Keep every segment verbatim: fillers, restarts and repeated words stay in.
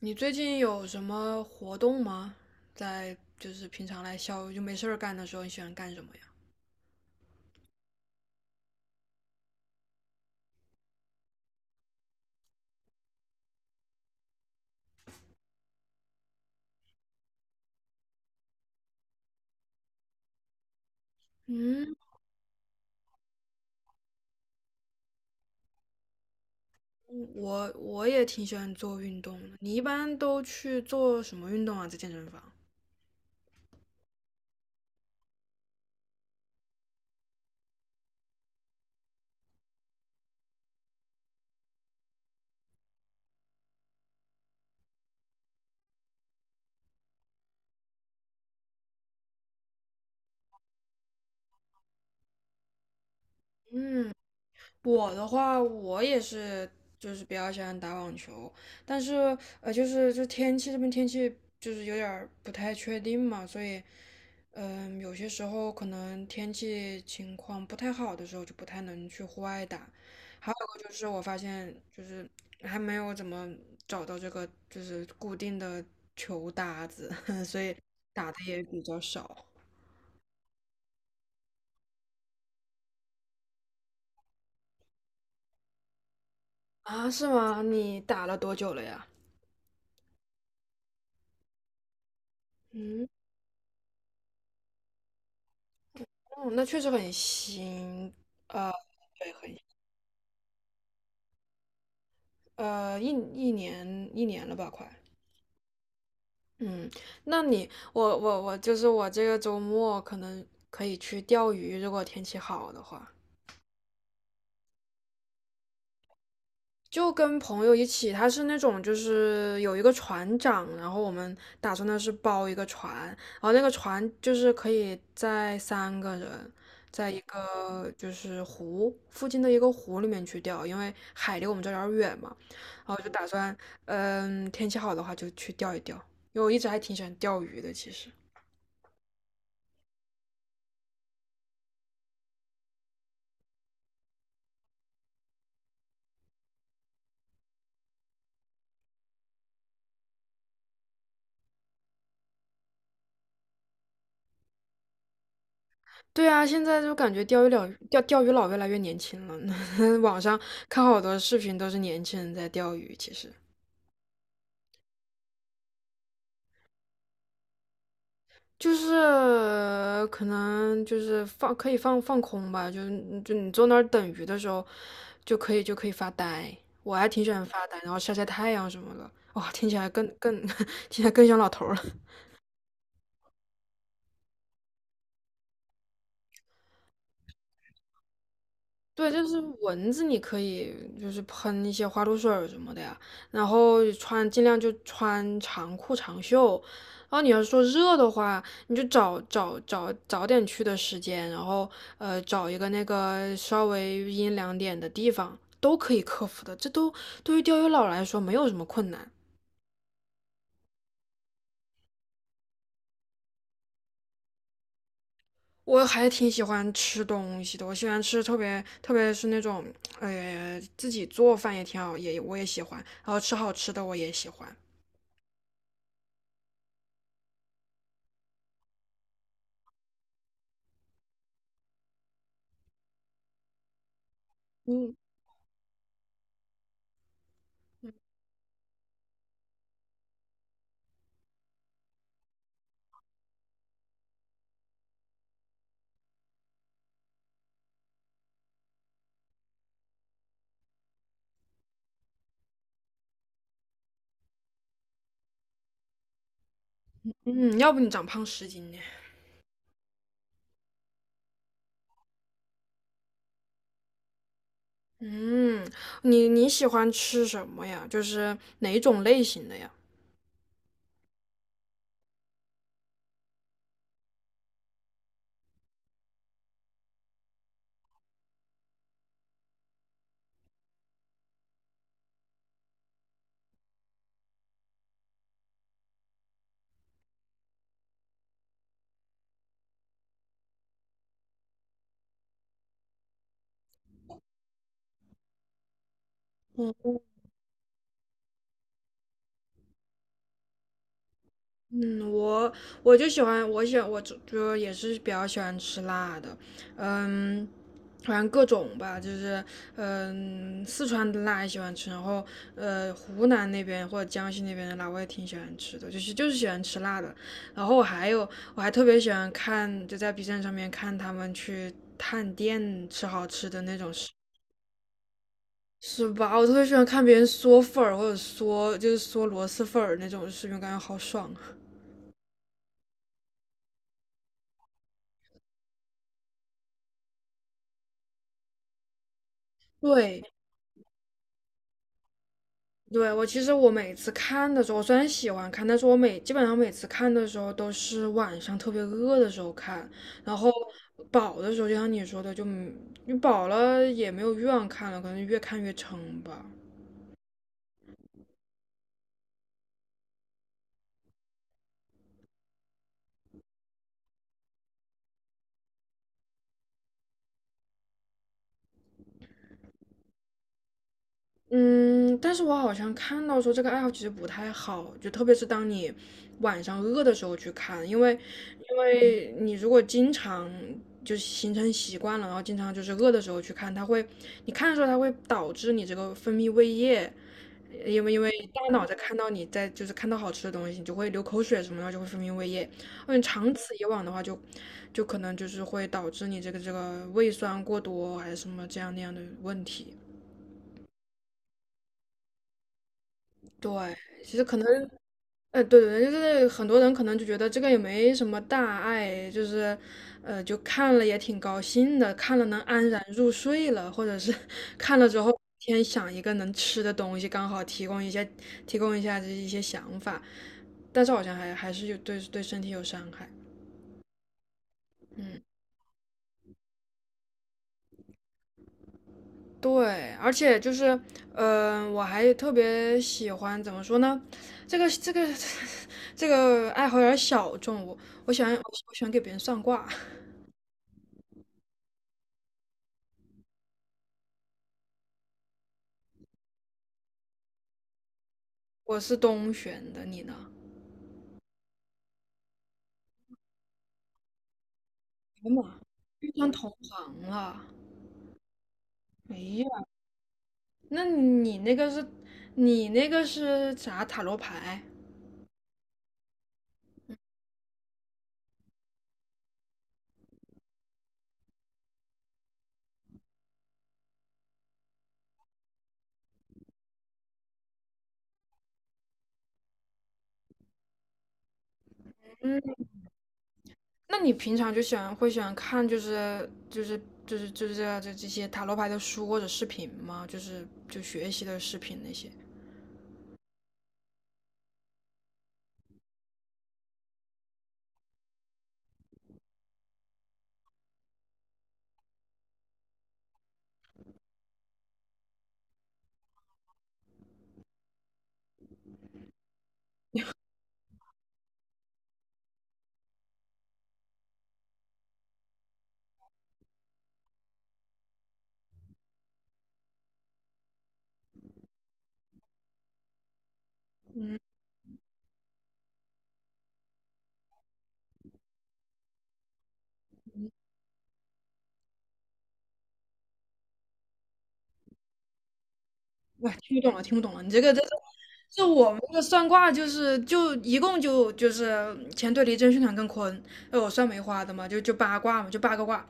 你最近有什么活动吗？在就是平常来消就没事儿干的时候，你喜欢干什么呀？嗯，我我也挺喜欢做运动的。你一般都去做什么运动啊？在健身房？我的话，我也是，就是比较喜欢打网球，但是呃，就是就天气，这边天气就是有点儿不太确定嘛，所以嗯、有些时候可能天气情况不太好的时候就不太能去户外打。还有一个就是我发现就是还没有怎么找到这个就是固定的球搭子，所以打的也比较少。啊，是吗？你打了多久了呀？嗯。嗯，那确实很新。呃，对，很新。呃，一一年一年了吧，快。嗯，那你，我我我，就是我这个周末可能可以去钓鱼，如果天气好的话。就跟朋友一起，他是那种就是有一个船长，然后我们打算的是包一个船，然后那个船就是可以在三个人，在一个就是湖附近的一个湖里面去钓，因为海离我们这儿有点远嘛，然后就打算，嗯，天气好的话就去钓一钓，因为我一直还挺喜欢钓鱼的，其实。对啊，现在就感觉钓鱼佬钓钓鱼佬越来越年轻了，网上看好多视频都是年轻人在钓鱼，其实。就是可能就是放可以放放空吧，就就你坐那儿等鱼的时候，就可以就可以发呆。我还挺喜欢发呆，然后晒晒太阳什么的。哇，听起来更更 听起来更像老头儿了。对，就是蚊子，你可以就是喷一些花露水儿什么的呀，然后穿，尽量就穿长裤长袖。然后你要是说热的话，你就找找找早点去的时间，然后呃找一个那个稍微阴凉点的地方，都可以克服的。这都对于钓鱼佬来说没有什么困难。我还挺喜欢吃东西的，我喜欢吃，特别特别是那种，呃自己做饭也挺好，也我也喜欢，然后吃好吃的我也喜欢。嗯。嗯，要不你长胖十斤呢？嗯，你你喜欢吃什么呀？就是哪种类型的呀？嗯嗯，我我就喜欢，我喜欢我就就也是比较喜欢吃辣的，嗯，反正各种吧，就是，嗯，四川的辣也喜欢吃，然后呃，湖南那边或者江西那边的辣我也挺喜欢吃的，就是就是喜欢吃辣的。然后我还有我还特别喜欢看，就在 B 站上面看他们去探店吃好吃的那种。是吧？我特别喜欢看别人嗦粉儿，或者嗦就是嗦螺蛳粉儿那种视频，感觉好爽啊！对，对，我其实我每次看的时候，我虽然喜欢看，但是我每基本上每次看的时候都是晚上特别饿的时候看，然后饱的时候，就像你说的，就嗯你饱了也没有欲望看了，可能越看越撑吧。嗯，但是我好像看到说这个爱好其实不太好，就特别是当你晚上饿的时候去看，因为因为你如果经常就形成习惯了，然后经常就是饿的时候去看，它会你看的时候它会导致你这个分泌胃液，因为因为大脑在看到，你在就是看到好吃的东西，你就会流口水什么的，就会分泌胃液。嗯，长此以往的话就就可能就是会导致你这个这个胃酸过多，还是什么这样那样的问题。对，其实可能。呃，对对对，就是很多人可能就觉得这个也没什么大碍，就是呃，就看了也挺高兴的，看了能安然入睡了，或者是 看了之后先想一个能吃的东西，刚好提供一些，提供一下这一些想法，但是好像还还是有对对身体有伤害。嗯，对，而且就是，嗯、我还特别喜欢，怎么说呢？这个这个 这个爱好有点小众，我我喜欢我喜欢给别人算卦。我是东玄的，你呢？哎呀妈，遇上同行了。哎呀，那你那个是，你那个是啥塔罗牌？嗯，那你平常就喜欢会喜欢看就是就是就是就是这这这些塔罗牌的书或者视频吗？就是就学习的视频那些。哇，听不懂了，听不懂了。你这个这是这我们这个算卦就是就一共就就是乾对离震巽坎艮坤。呃，我算梅花的嘛，就就八卦嘛，就八个卦。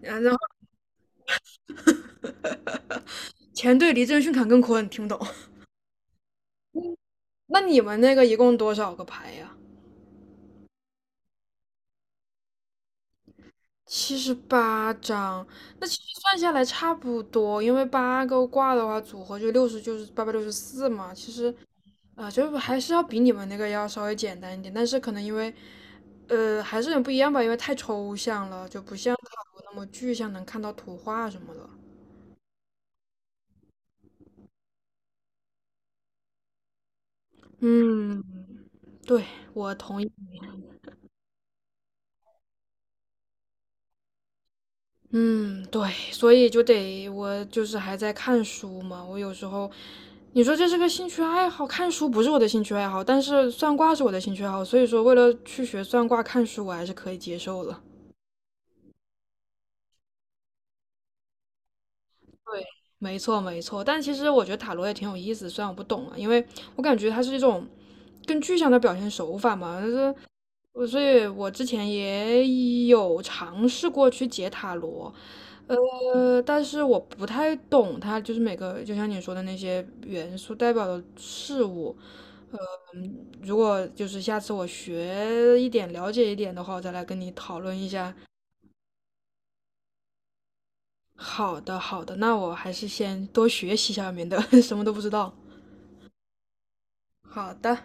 然后乾对离震巽坎艮坤，听不懂。那你们那个一共多少个牌呀？七十八张。那其实算下来差不多，因为八个卦的话，组合就六十，就是八百六十四嘛。其实，啊、就是还是要比你们那个要稍微简单一点，但是可能因为，呃，还是有点不一样吧，因为太抽象了，就不像塔罗那么具象，能看到图画什么的。嗯，对，我同意。嗯，对，所以就得，我就是还在看书嘛。我有时候，你说这是个兴趣爱好，看书不是我的兴趣爱好，但是算卦是我的兴趣爱好，所以说为了去学算卦，看书我还是可以接受的。对，没错没错，但其实我觉得塔罗也挺有意思，虽然我不懂啊，因为我感觉它是一种更具象的表现手法嘛，就是，我所以，我之前也有尝试过去解塔罗，呃，但是我不太懂它，就是每个，就像你说的，那些元素代表的事物，呃，嗯如果就是下次我学一点，了解一点的话，我再来跟你讨论一下。好的，好的，那我还是先多学习一下，面的，免得 什么都不知道。好的。